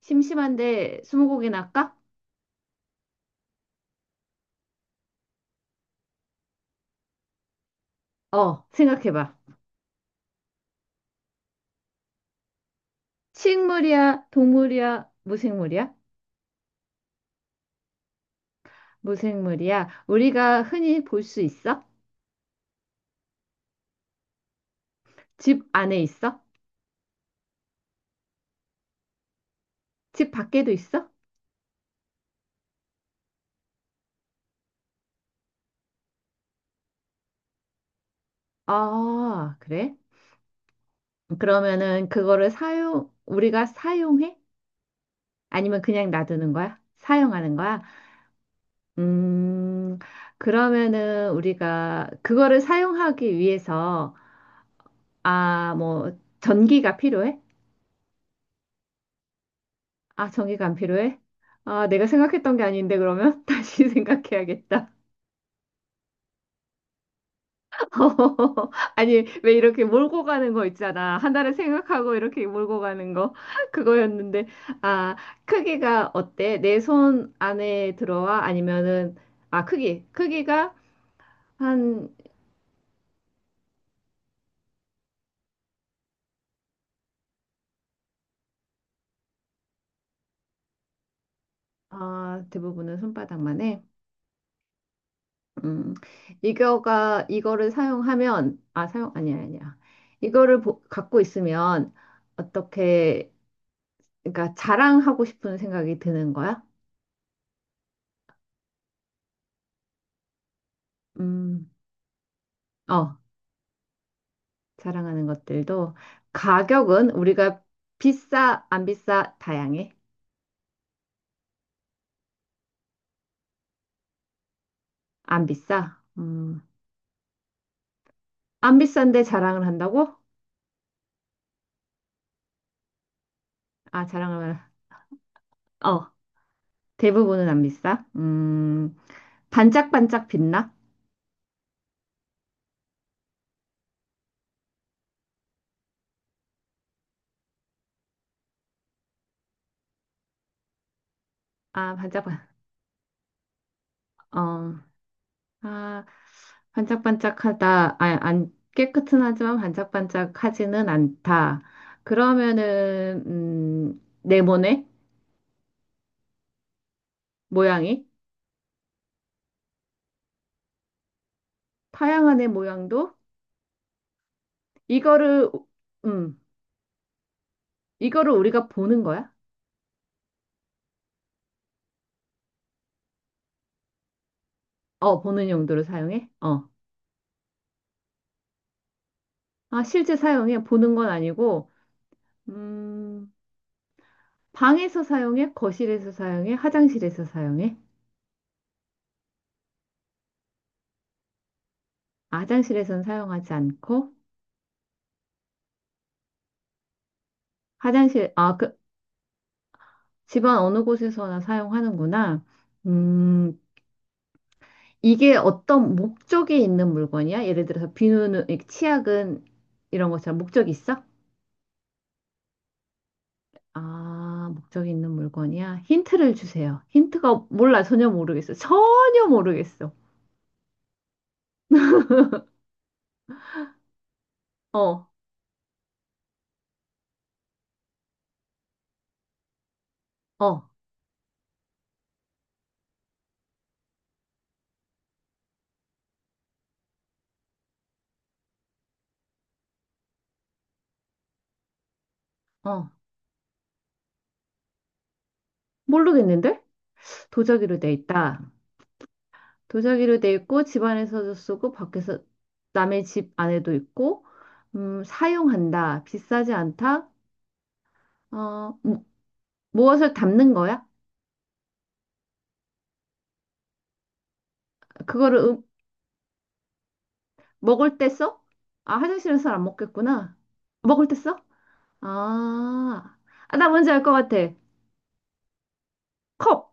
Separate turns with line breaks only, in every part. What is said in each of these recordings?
심심한데 스무고개 할까? 어, 생각해봐. 식물이야, 동물이야, 무생물이야? 무생물이야. 우리가 흔히 볼 수 있어? 집 안에 있어? 집 밖에도 있어? 아, 그래? 그러면은 그거를 우리가 사용해? 아니면 그냥 놔두는 거야? 사용하는 거야? 음, 그러면은 우리가 그거를 사용하기 위해서, 아, 뭐, 전기가 필요해? 아, 정의가 안 필요해? 아, 내가 생각했던 게 아닌데, 그러면? 다시 생각해야겠다. 아니, 왜 이렇게 몰고 가는 거 있잖아. 하나를 생각하고 이렇게 몰고 가는 거. 그거였는데, 아, 크기가 어때? 내 손 안에 들어와? 아니면은, 아, 크기. 크기가 한, 아, 대부분은 손바닥만 해. 음, 이거를 사용하면, 아니야, 아니야. 이거를 갖고 있으면, 어떻게, 그러니까 자랑하고 싶은 생각이 드는 거야? 음, 어, 자랑하는 것들도 가격은 우리가 비싸, 안 비싸, 다양해. 안 비싸. 안 비싼데 자랑을 한다고? 아, 어, 대부분은 안 비싸. 반짝반짝 빛나? 아, 어, 아, 반짝반짝하다. 아, 안 깨끗은 하지만 반짝반짝하지는 않다. 그러면은, 네모네? 모양이? 타양안의 모양도? 이거를, 음, 이거를 우리가 보는 거야? 어, 보는 용도로 사용해? 어. 아, 실제 사용해? 보는 건 아니고, 음, 방에서 사용해? 거실에서 사용해? 화장실에서 사용해? 아, 화장실에서는 사용하지 않고, 화장실, 아, 그, 집안 어느 곳에서나 사용하는구나. 음, 이게 어떤 목적이 있는 물건이야? 예를 들어서 비누는, 이 치약은 이런 것처럼 목적이 있어? 아, 목적이 있는 물건이야? 힌트를 주세요. 힌트가 몰라. 전혀 모르겠어. 전혀 모르겠어. 어, 어, 어. 모르겠는데? 도자기로 돼 있다. 도자기로 돼 있고 집 안에서도 쓰고 밖에서 남의 집 안에도 있고 사용한다. 비싸지 않다. 어, 무엇을 담는 거야? 그거를 먹을 때 써? 아, 화장실에서 안 먹겠구나. 먹을 때 써? 아, 아, 나 뭔지 알 것 같아. 컵.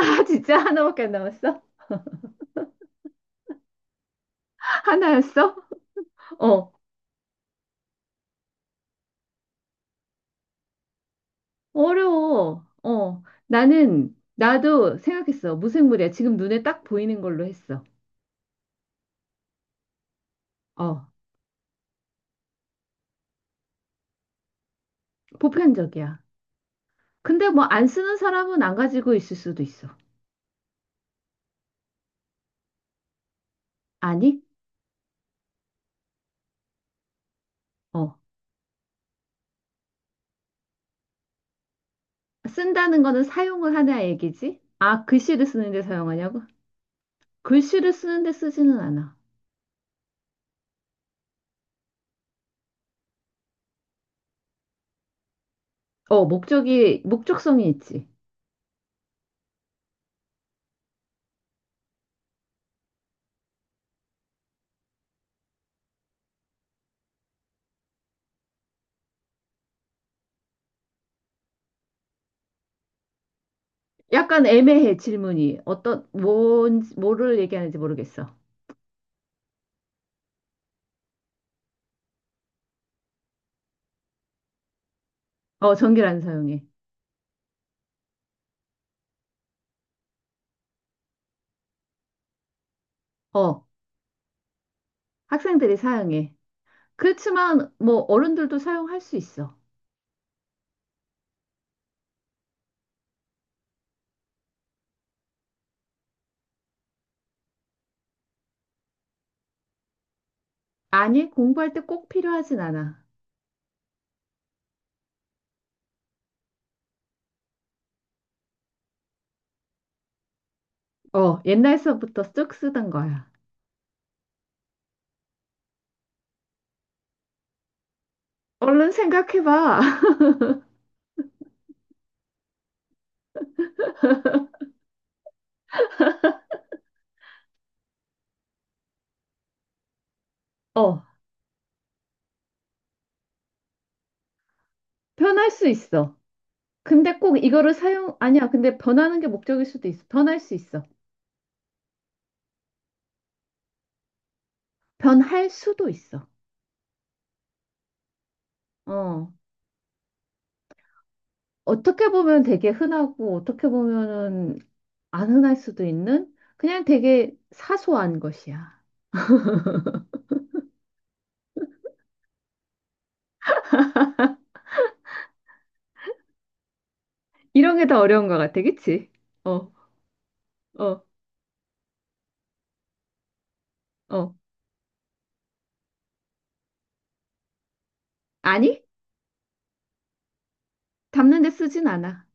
아, 진짜 하나밖에 안 남았어? 하나였어? 어, 어려워. 어, 나도 생각했어. 무생물이야. 지금 눈에 딱 보이는 걸로 했어. 어, 보편적이야. 근데 뭐 안 쓰는 사람은 안 가지고 있을 수도 있어. 아니? 어, 쓴다는 거는 사용을 하냐 얘기지? 아, 글씨를 쓰는데 사용하냐고? 글씨를 쓰는데 쓰지는 않아. 어, 목적성이 있지. 약간 애매해, 질문이. 어떤, 뭐를 얘기하는지 모르겠어. 어, 전기를 안 사용해. 어, 학생들이 사용해. 그렇지만 뭐 어른들도 사용할 수 있어. 아니, 공부할 때 꼭 필요하진 않아. 어, 옛날서부터 쭉 쓰던 거야. 얼른 생각해봐. 어, 변할 수 있어. 근데 꼭 이거를 사용, 아니야. 근데 변하는 게 목적일 수도 있어. 변할 수 있어. 변할 수도 있어. 어, 어떻게 보면 되게 흔하고, 어떻게 보면은 안 흔할 수도 있는? 그냥 되게 사소한 것이야. 이런 게 더 어려운 것 같아, 그치? 어, 어, 어. 아니? 담는 데 쓰진 않아.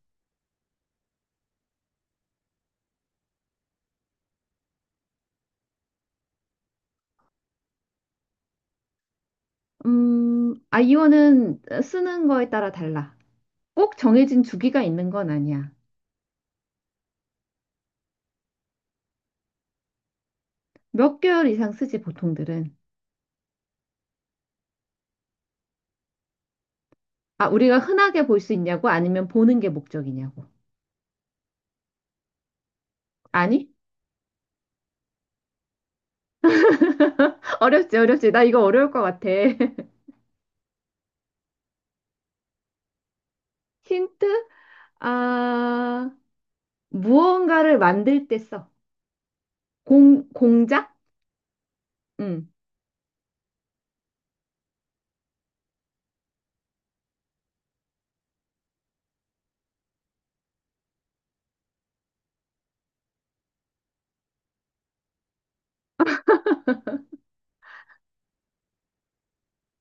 아이오는 쓰는 거에 따라 달라. 꼭 정해진 주기가 있는 건 아니야. 몇 개월 이상 쓰지, 보통들은. 아, 우리가 흔하게 볼 수 있냐고? 아니면 보는 게 목적이냐고? 아니? 어렵지, 어렵지. 나 이거 어려울 것 같아. 힌트? 아, 무언가를 만들 때 써. 공, 공작? 응.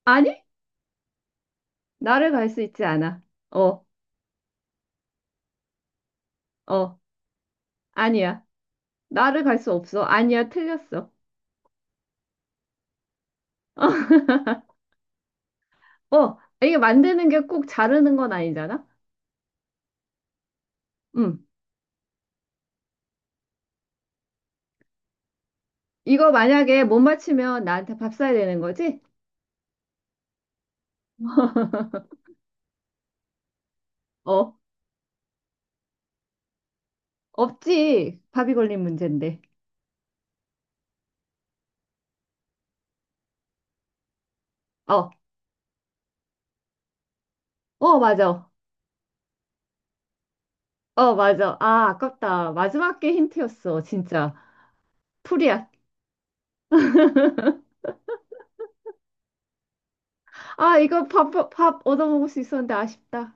아니? 나를 갈 수 있지 않아. 어, 어, 아니야. 나를 갈 수 없어. 아니야, 틀렸어. 어, 이게 만드는 게 꼭 자르는 건 아니잖아? 응. 이거 만약에 못 맞추면 나한테 밥 사야 되는 거지? 어, 없지. 밥이 걸린 문제인데. 어, 어, 맞아. 어, 맞아. 아, 아깝다. 마지막 게 힌트였어. 진짜. 풀이야. 아, 이거 밥 얻어먹을 수 있었는데 아쉽다.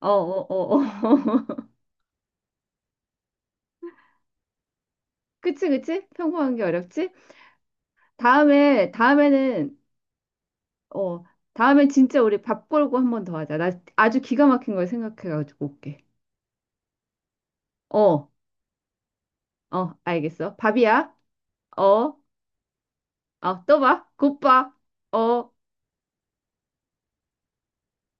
어, 어, 어, 어. 그치, 그치? 평범한 게 어렵지? 다음에는, 어, 다음엔 진짜 우리 밥 걸고 한 번 더 하자. 나 아주 기가 막힌 걸 생각해가지고 올게. 어. 어, 알겠어. 밥이야. 어, 어, 또 봐. 굿밥. 어.